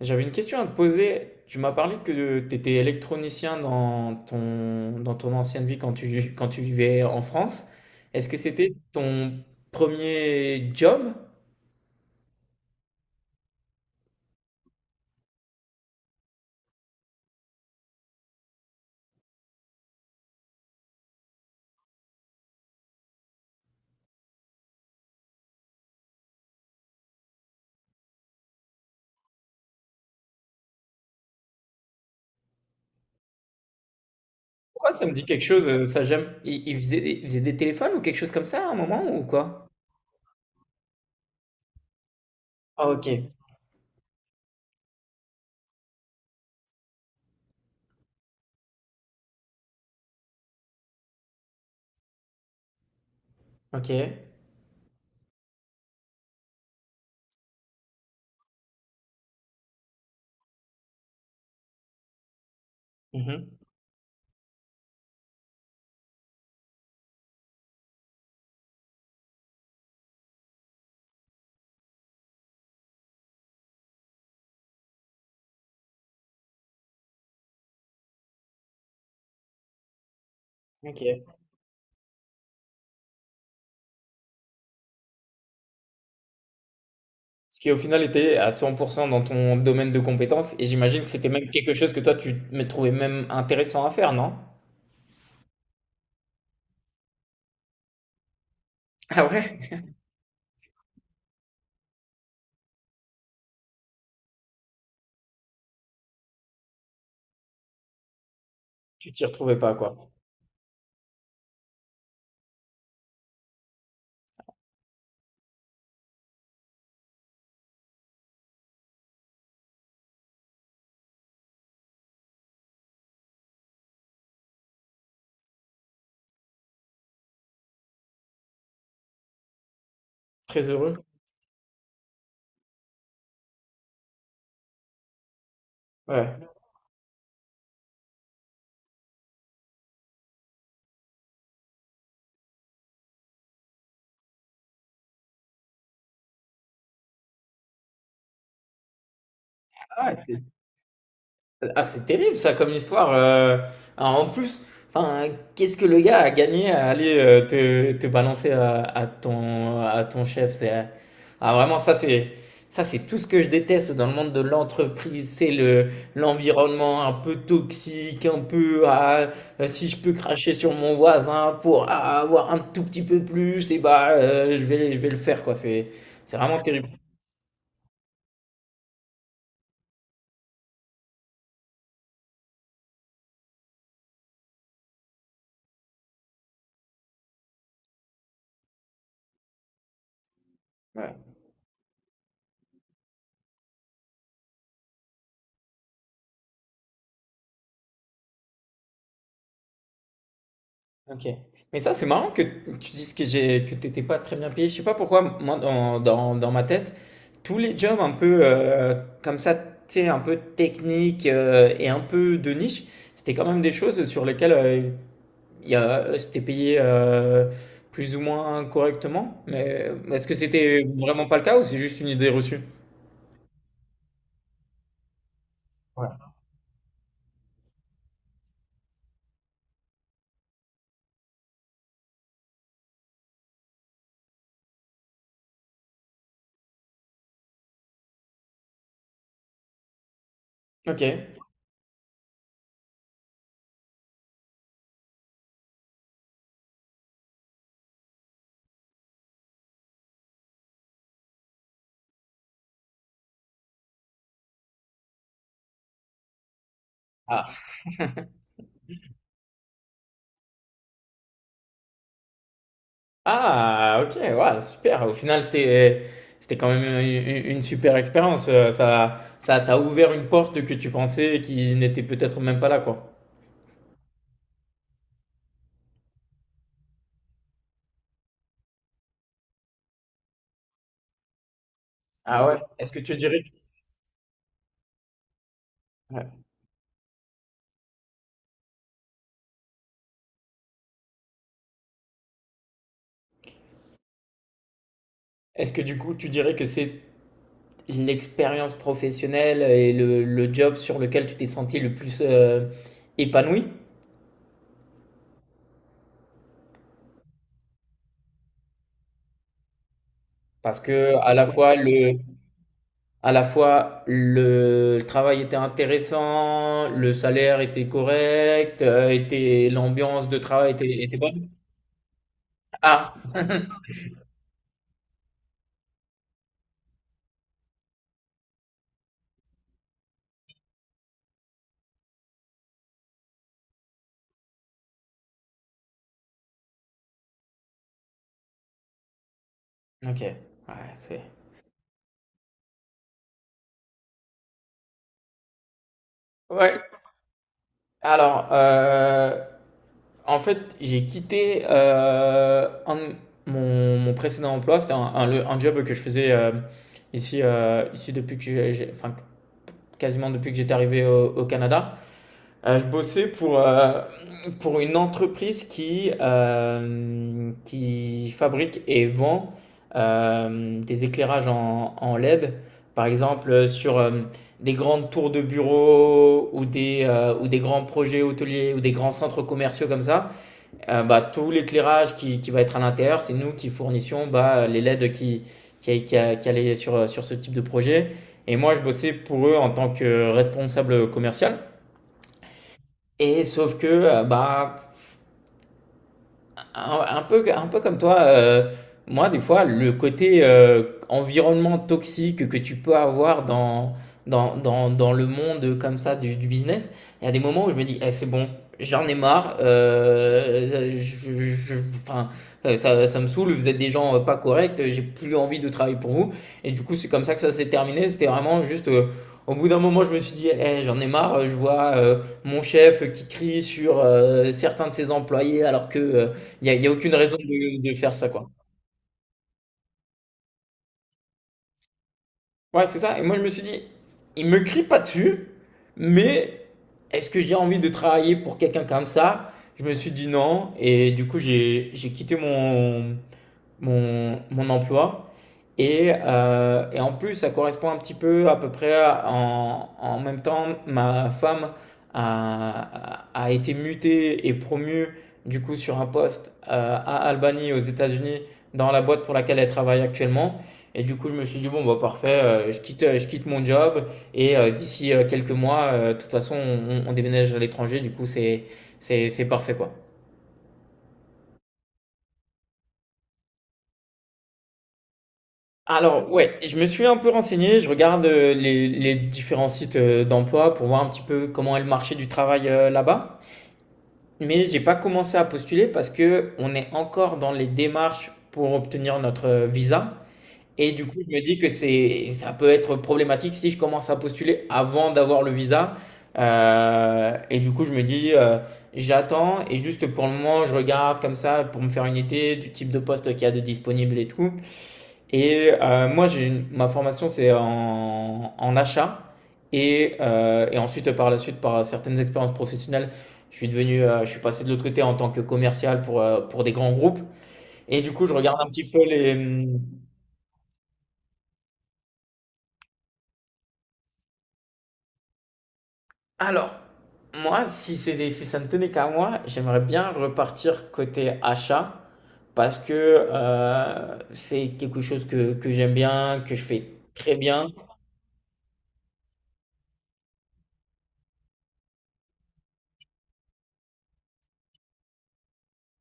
J'avais une question à te poser. Tu m'as parlé que tu étais électronicien dans ton ancienne vie quand tu vivais en France. Est-ce que c'était ton premier job? Pourquoi ça me dit quelque chose, ça j'aime. Il faisait, il faisait des téléphones ou quelque chose comme ça à un moment ou quoi? Ah ok, ok. Mhm. Ok. Ce qui au final était à 100% dans ton domaine de compétences et j'imagine que c'était même quelque chose que toi tu me trouvais même intéressant à faire, non? Ah ouais? Tu t'y retrouvais pas quoi. Très heureux. Ouais. Ah, c'est ah, c'est terrible ça comme histoire. Alors, en plus, enfin, qu'est-ce que le gars a gagné à aller te, te balancer à ton chef? Ah, vraiment, ça c'est tout ce que je déteste dans le monde de l'entreprise. C'est le, l'environnement un peu toxique, un peu, ah, si je peux cracher sur mon voisin pour ah, avoir un tout petit peu plus, et bah, je vais le faire quoi. C'est vraiment terrible. OK. Mais ça, c'est marrant que tu dises que j'ai que t'étais pas très bien payé. Je sais pas pourquoi, moi, dans ma tête, tous les jobs un peu comme ça, tu sais, un peu technique et un peu de niche, c'était quand même des choses sur lesquelles il y a, c'était payé plus ou moins correctement. Mais est-ce que c'était vraiment pas le cas ou c'est juste une idée reçue? Ouais. OK. Ah, ok, ouais, super. Au final, c'était quand même une super expérience. Ça, ça t'a ouvert une porte que tu pensais qui n'était peut-être même pas là, quoi. Ah ouais. Est-ce que tu dirais que, ouais. Est-ce que du coup, tu dirais que c'est l'expérience professionnelle et le job sur lequel tu t'es senti le plus épanoui? Parce que à la fois le travail était intéressant, le salaire était correct, était l'ambiance de travail était, était bonne. Ah, ok. Ouais, c'est. Ouais. Alors, en fait, j'ai quitté mon, mon précédent emploi. C'était un job que je faisais ici, ici depuis que enfin, quasiment depuis que j'étais arrivé au, au Canada. Je bossais pour une entreprise qui fabrique et vend des éclairages en, en LED, par exemple sur des grandes tours de bureaux ou des grands projets hôteliers ou des grands centres commerciaux comme ça. Bah, tout l'éclairage qui va être à l'intérieur, c'est nous qui fournissions bah, les LED qui allaient sur, sur ce type de projet. Et moi, je bossais pour eux en tant que responsable commercial. Et sauf que, bah, un peu comme toi, moi, des fois, le côté environnement toxique que tu peux avoir dans le monde comme ça du business, il y a des moments où je me dis, eh, c'est bon, j'en ai marre, enfin, ça, ça me saoule, vous êtes des gens pas corrects, j'ai plus envie de travailler pour vous. Et du coup, c'est comme ça que ça s'est terminé. C'était vraiment juste, au bout d'un moment, je me suis dit, eh, j'en ai marre, je vois mon chef qui crie sur certains de ses employés alors que... il y a aucune raison de faire ça, quoi. Ouais, c'est ça. Et moi, je me suis dit, il me crie pas dessus, mais est-ce que j'ai envie de travailler pour quelqu'un comme ça? Je me suis dit non. Et du coup, j'ai quitté mon emploi. Et en plus, ça correspond un petit peu à peu près en même temps, ma femme a été mutée et promue du coup sur un poste à Albany aux États-Unis dans la boîte pour laquelle elle travaille actuellement. Et du coup, je me suis dit, bon, bah parfait, je quitte mon job et d'ici quelques mois, de toute façon, on déménage à l'étranger, du coup, c'est parfait quoi. Alors, ouais, je me suis un peu renseigné, je regarde les différents sites d'emploi pour voir un petit peu comment est le marché du travail là-bas. Mais j'ai pas commencé à postuler parce que on est encore dans les démarches pour obtenir notre visa. Et du coup, je me dis que c'est, ça peut être problématique si je commence à postuler avant d'avoir le visa. Et du coup, je me dis, j'attends et juste pour le moment, je regarde comme ça pour me faire une idée du type de poste qu'il y a de disponible et tout. Et moi, ma formation, c'est en, en achat. Et ensuite, par la suite, par certaines expériences professionnelles, je suis passé de l'autre côté en tant que commercial pour des grands groupes. Et du coup, je regarde un petit peu les. Hmm. Alors, moi, si ça ne tenait qu'à moi, j'aimerais bien repartir côté achat parce que c'est quelque chose que j'aime bien, que je fais très bien.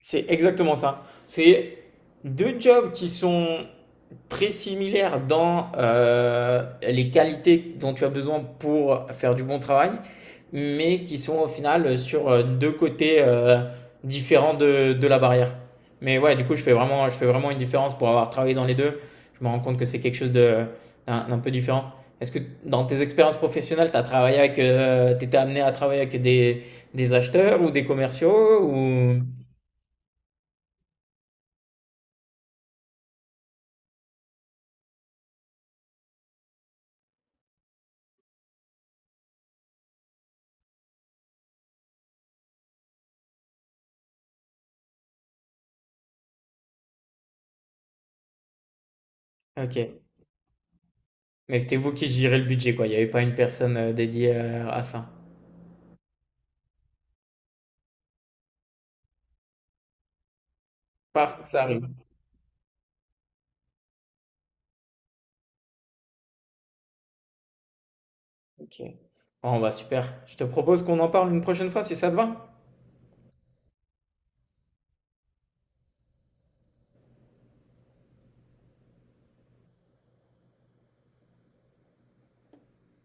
C'est exactement ça. C'est deux jobs qui sont très similaires dans les qualités dont tu as besoin pour faire du bon travail, mais qui sont au final sur deux côtés différents de la barrière. Mais ouais, du coup, je fais vraiment une différence pour avoir travaillé dans les deux. Je me rends compte que c'est quelque chose de, d'un peu différent. Est-ce que dans tes expériences professionnelles, t'as travaillé avec, t'étais amené à travailler avec des acheteurs ou des commerciaux ou... Ok. Mais c'était vous qui gérez le budget, quoi. Il n'y avait pas une personne, dédiée, à ça? Paf, ça arrive. OK. Bon, bah, super. Je te propose qu'on en parle une prochaine fois si ça te va?